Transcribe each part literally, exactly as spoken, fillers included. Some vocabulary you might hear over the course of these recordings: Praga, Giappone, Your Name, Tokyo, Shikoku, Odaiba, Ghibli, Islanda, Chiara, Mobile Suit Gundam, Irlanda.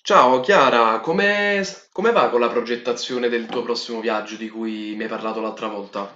Ciao Chiara, come, come va con la progettazione del tuo prossimo viaggio di cui mi hai parlato l'altra volta?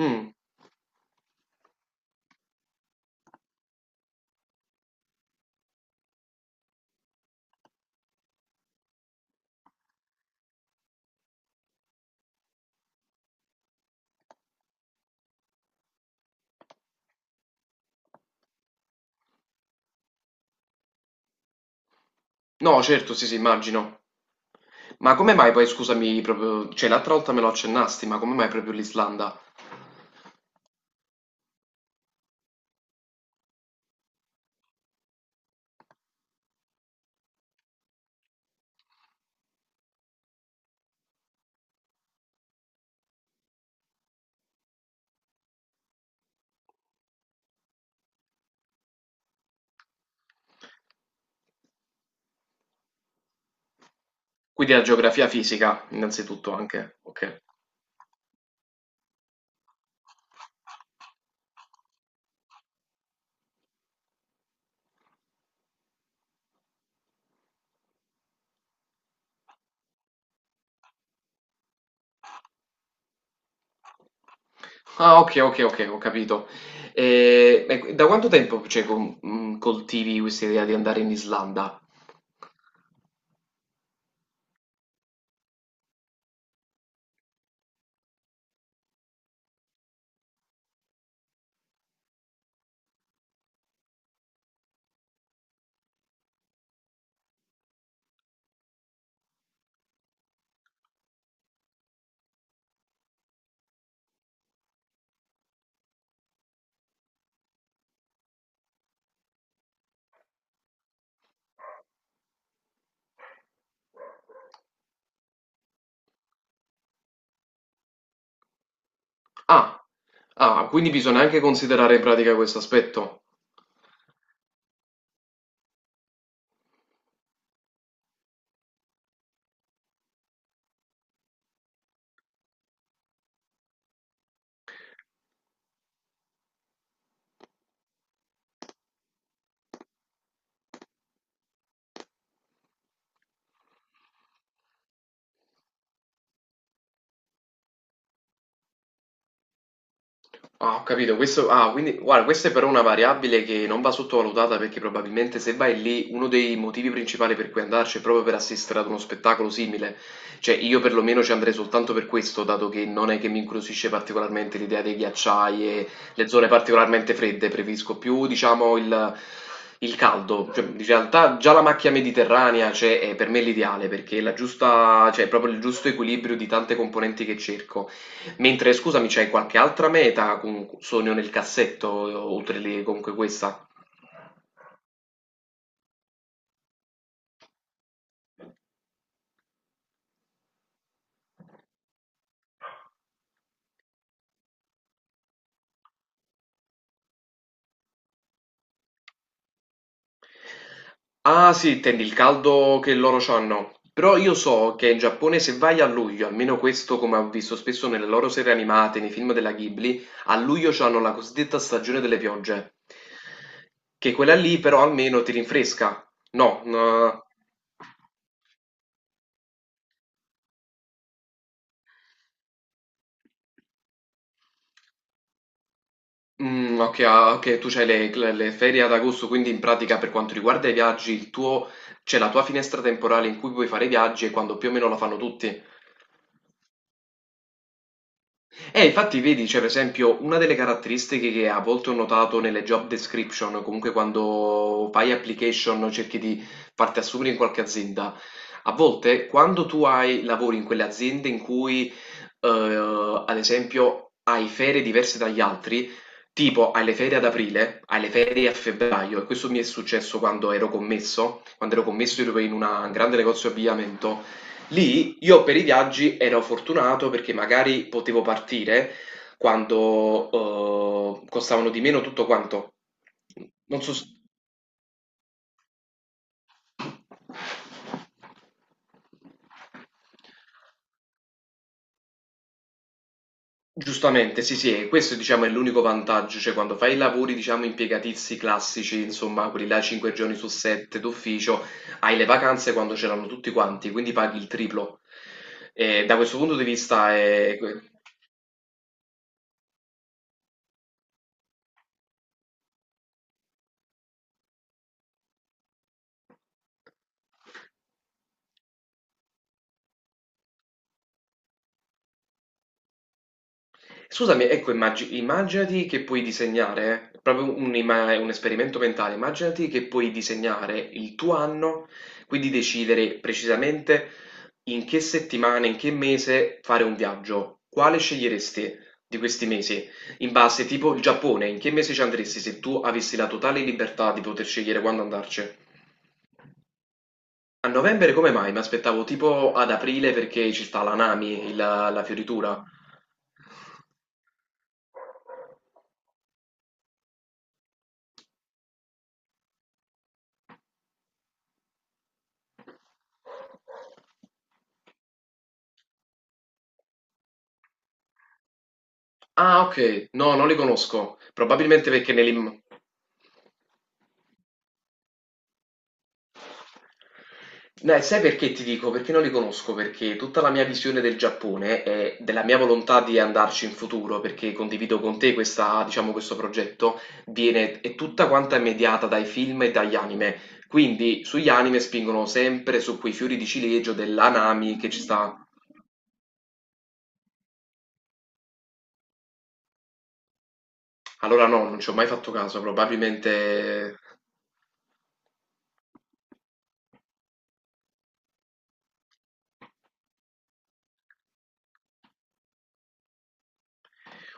Mm. No, certo, sì, sì, immagino. Ma come mai poi, scusami, proprio, cioè l'altra volta me lo accennasti, ma come mai proprio l'Islanda? Quindi la geografia fisica, innanzitutto anche, ok. Ah, ok, ok, ok, ho capito. E, e da quanto tempo, cioè, con- mm, coltivi questa idea di andare in Islanda? Ah, ah, quindi bisogna anche considerare in pratica questo aspetto. Ah, ho capito, questo, ah, quindi, guarda, questa è però una variabile che non va sottovalutata perché probabilmente se vai lì uno dei motivi principali per cui andarci è proprio per assistere ad uno spettacolo simile. Cioè, io perlomeno ci andrei soltanto per questo, dato che non è che mi incuriosisce particolarmente l'idea dei ghiacciai e le zone particolarmente fredde, preferisco più, diciamo, il, il caldo. Cioè, in realtà già la macchia mediterranea, cioè, è per me l'ideale perché è la giusta, cioè, è proprio il giusto equilibrio di tante componenti che cerco. Mentre scusami, c'hai qualche altra meta con sogno nel cassetto, oltre lì comunque questa? Ah sì, intendi il caldo che loro c'hanno. Però io so che in Giappone se vai a luglio, almeno questo come ho visto spesso nelle loro serie animate, nei film della Ghibli, a luglio c'hanno la cosiddetta stagione delle piogge. Che quella lì però almeno ti rinfresca. No? No. Mm, ok, ah, ok, tu c'hai le, cl- le ferie ad agosto, quindi in pratica per quanto riguarda i viaggi, il tuo, c'è la tua finestra temporale in cui puoi fare i viaggi e quando più o meno la fanno tutti. Eh, infatti vedi, cioè, per esempio, una delle caratteristiche che a volte ho notato nelle job description, comunque quando fai application, cerchi di farti assumere in qualche azienda, a volte quando tu hai lavori in quelle aziende in cui, eh, ad esempio, hai ferie diverse dagli altri, tipo hai le ferie ad aprile, hai le ferie a febbraio, e questo mi è successo quando ero commesso, quando ero commesso ero in un grande negozio di abbigliamento. Lì io per i viaggi ero fortunato perché magari potevo partire quando, uhm, costavano di meno tutto quanto. Non so s Giustamente, sì, sì, e questo diciamo è l'unico vantaggio, cioè quando fai i lavori diciamo impiegatizi classici, insomma quelli là cinque giorni su sette d'ufficio, hai le vacanze quando ce l'hanno tutti quanti, quindi paghi il triplo. E da questo punto di vista è que Scusami, ecco, immagi- immaginati che puoi disegnare, eh, proprio un, ima- un esperimento mentale, immaginati che puoi disegnare il tuo anno, quindi decidere precisamente in che settimana, in che mese fare un viaggio. Quale sceglieresti di questi mesi? In base, tipo il Giappone, in che mese ci andresti se tu avessi la totale libertà di poter scegliere quando andarci? A novembre come mai? Mi aspettavo tipo ad aprile perché ci sta l'Anami, il- la fioritura. Ah, ok, no, non li conosco, probabilmente perché me li. Dai, sai perché ti dico? Perché non li conosco? Perché tutta la mia visione del Giappone e della mia volontà di andarci in futuro, perché condivido con te questa, diciamo, questo progetto, viene, è tutta quanta mediata dai film e dagli anime. Quindi sugli anime spingono sempre su quei fiori di ciliegio dell'anami che ci sta. Allora no, non ci ho mai fatto caso, probabilmente.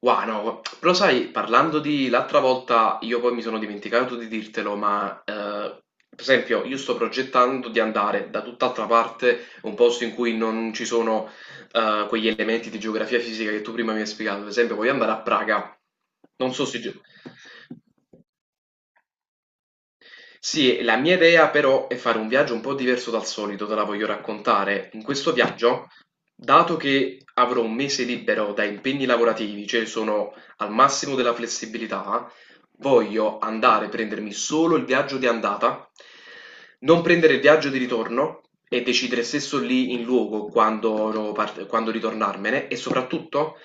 Wow, no, però sai, parlando di l'altra volta, io poi mi sono dimenticato di dirtelo, ma eh, per esempio io sto progettando di andare da tutt'altra parte, un posto in cui non ci sono eh, quegli elementi di geografia fisica che tu prima mi hai spiegato. Per esempio, voglio andare a Praga. Non so se. Sì, la mia idea però è fare un viaggio un po' diverso dal solito, te la voglio raccontare. In questo viaggio, dato che avrò un mese libero da impegni lavorativi, cioè sono al massimo della flessibilità, voglio andare a prendermi solo il viaggio di andata, non prendere il viaggio di ritorno e decidere stesso lì in luogo quando, part- quando ritornarmene e soprattutto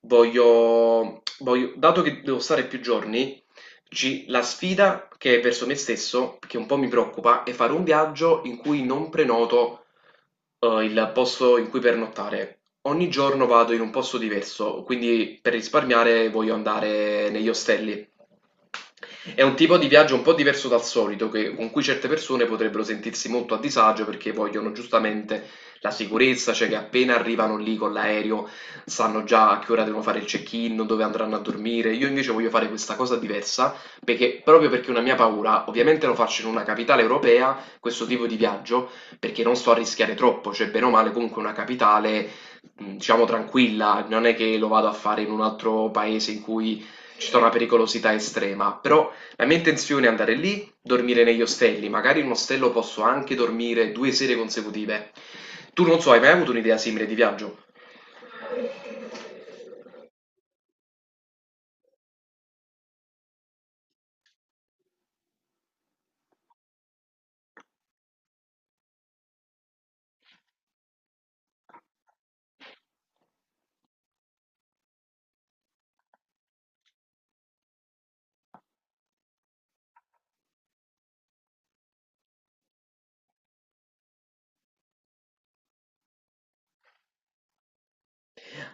voglio, voglio, dato che devo stare più giorni, G la sfida che è verso me stesso, che un po' mi preoccupa, è fare un viaggio in cui non prenoto, eh, il posto in cui pernottare. Ogni giorno vado in un posto diverso, quindi per risparmiare voglio andare negli ostelli. È un tipo di viaggio un po' diverso dal solito, che- con cui certe persone potrebbero sentirsi molto a disagio perché vogliono giustamente la sicurezza, cioè che appena arrivano lì con l'aereo sanno già a che ora devono fare il check-in, dove andranno a dormire. Io invece voglio fare questa cosa diversa perché proprio perché una mia paura, ovviamente lo faccio in una capitale europea, questo tipo di viaggio, perché non sto a rischiare troppo, cioè bene o male comunque una capitale, mh, diciamo tranquilla, non è che lo vado a fare in un altro paese in cui ci sta una pericolosità estrema, però la mia intenzione è andare lì, dormire negli ostelli, magari in un ostello posso anche dormire due sere consecutive. Tu non so, hai mai avuto un'idea simile di viaggio?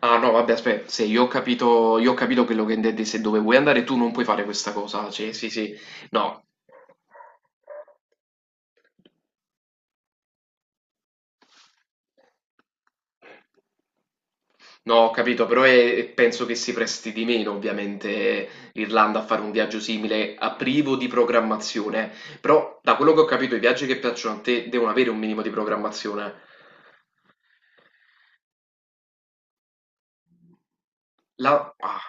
Ah no, vabbè, aspetta, se io ho capito, io ho capito quello che intendi, se dove vuoi andare tu non puoi fare questa cosa, cioè sì sì, no, no, ho capito, però è- penso che si presti di meno ovviamente l'Irlanda a fare un viaggio simile, a privo di programmazione, però da quello che ho capito i viaggi che piacciono a te devono avere un minimo di programmazione. La. Ah.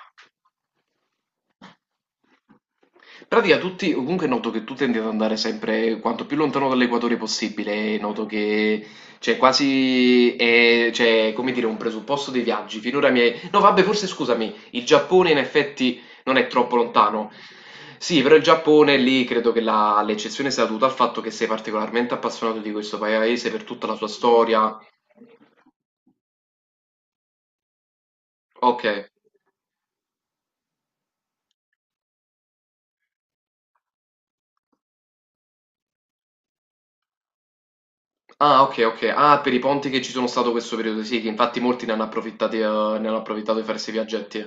In pratica tutti, comunque noto che tu tendi ad andare sempre quanto più lontano dall'equatore possibile, noto che c'è quasi, è, cioè, come dire, un presupposto dei viaggi. Finora mi hai. No, vabbè, forse scusami, il Giappone in effetti non è troppo lontano. Sì, però il Giappone lì credo che la- l'eccezione sia dovuta al fatto che sei particolarmente appassionato di questo paese per tutta la sua storia. Ok. Ah, ok, ok. Ah, per i ponti che ci sono stato questo periodo, sì, che infatti molti ne hanno approfittati, eh, ne hanno approfittato di fare questi viaggetti.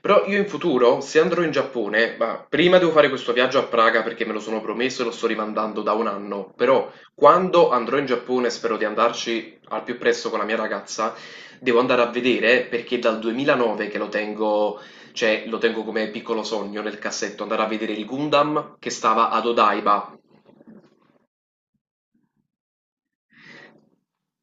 Però io in futuro, se andrò in Giappone, ma prima devo fare questo viaggio a Praga perché me lo sono promesso e lo sto rimandando da un anno, però quando andrò in Giappone, spero di andarci al più presto con la mia ragazza, devo andare a vedere perché dal duemilanove che lo tengo, cioè lo tengo come piccolo sogno nel cassetto, andare a vedere il Gundam che stava ad Odaiba.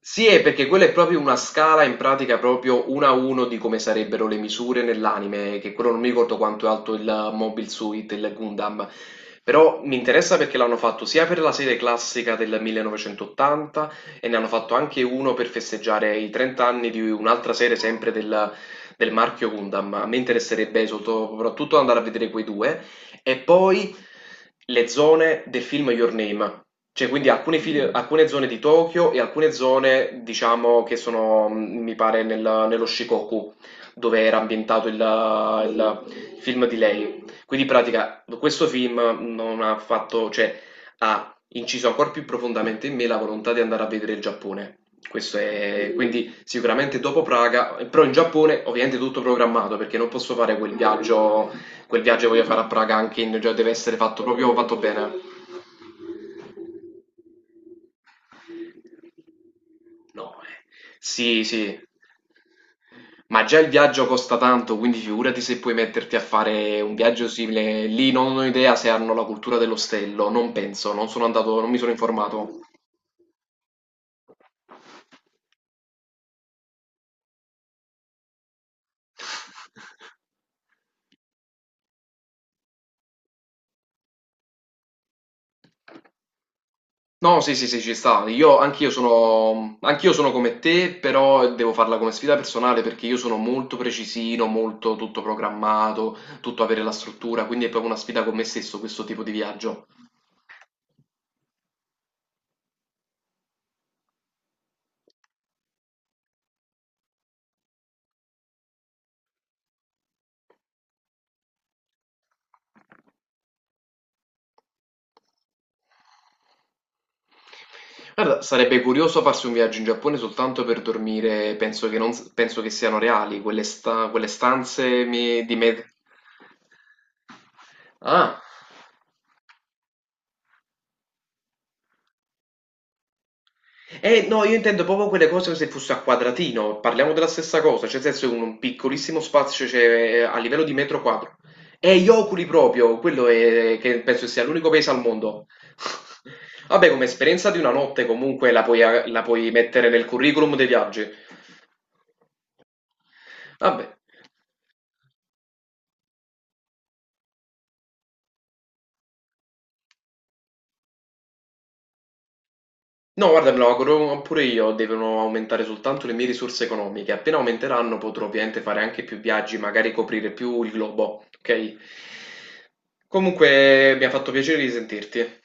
Sì, eh, perché quella è proprio una scala, in pratica proprio uno a uno di come sarebbero le misure nell'anime, che quello non mi ricordo quanto è alto il Mobile Suit, il Gundam, però mi interessa perché l'hanno fatto sia per la serie classica del millenovecentottanta e ne hanno fatto anche uno per festeggiare i trenta anni di un'altra serie sempre del, del marchio Gundam. A me interesserebbe sotto- soprattutto andare a vedere quei due e poi le zone del film Your Name, cioè, quindi alcune file alcune zone di Tokyo e alcune zone, diciamo, che sono, mhmm, mi pare, nel- nello Shikoku, dove era ambientato il, il film di lei. Quindi, in pratica, questo film non ha fatto, cioè, ha inciso ancora più profondamente in me la volontà di andare a vedere il Giappone. Questo è, quindi, sicuramente dopo Praga, però in Giappone, ovviamente, tutto programmato, perché non posso fare quel viaggio, quel viaggio che voglio fare a Praga anche in, cioè, deve essere fatto proprio fatto bene. No, eh. Sì, sì, ma già il viaggio costa tanto, quindi figurati se puoi metterti a fare un viaggio simile. Lì non ho idea se hanno la cultura dell'ostello, non penso, non sono andato, non mi sono informato. No, sì, sì, sì, ci sta. Io, anch'io sono, anch'io sono, come te, però devo farla come sfida personale perché io sono molto precisino, molto tutto programmato, tutto avere la struttura, quindi è proprio una sfida con me stesso questo tipo di viaggio. Guarda, sarebbe curioso farsi un viaggio in Giappone soltanto per dormire, penso che, non, s- penso che siano reali quelle, sta- quelle stanze me- di me... Ah, eh no, io intendo proprio quelle cose come se fosse a quadratino, parliamo della stessa cosa, cioè nel senso un, un piccolissimo spazio cioè, a livello di metro quadro. E gli oculi proprio, quello è, che penso sia l'unico paese al mondo. Vabbè, come esperienza di una notte comunque la puoi la puoi mettere nel curriculum dei viaggi. Vabbè. No, guarda, me lo auguro pure io, devono aumentare soltanto le mie risorse economiche. Appena aumenteranno potrò ovviamente fare anche più viaggi, magari coprire più il globo, ok? Comunque mi ha fatto piacere di sentirti.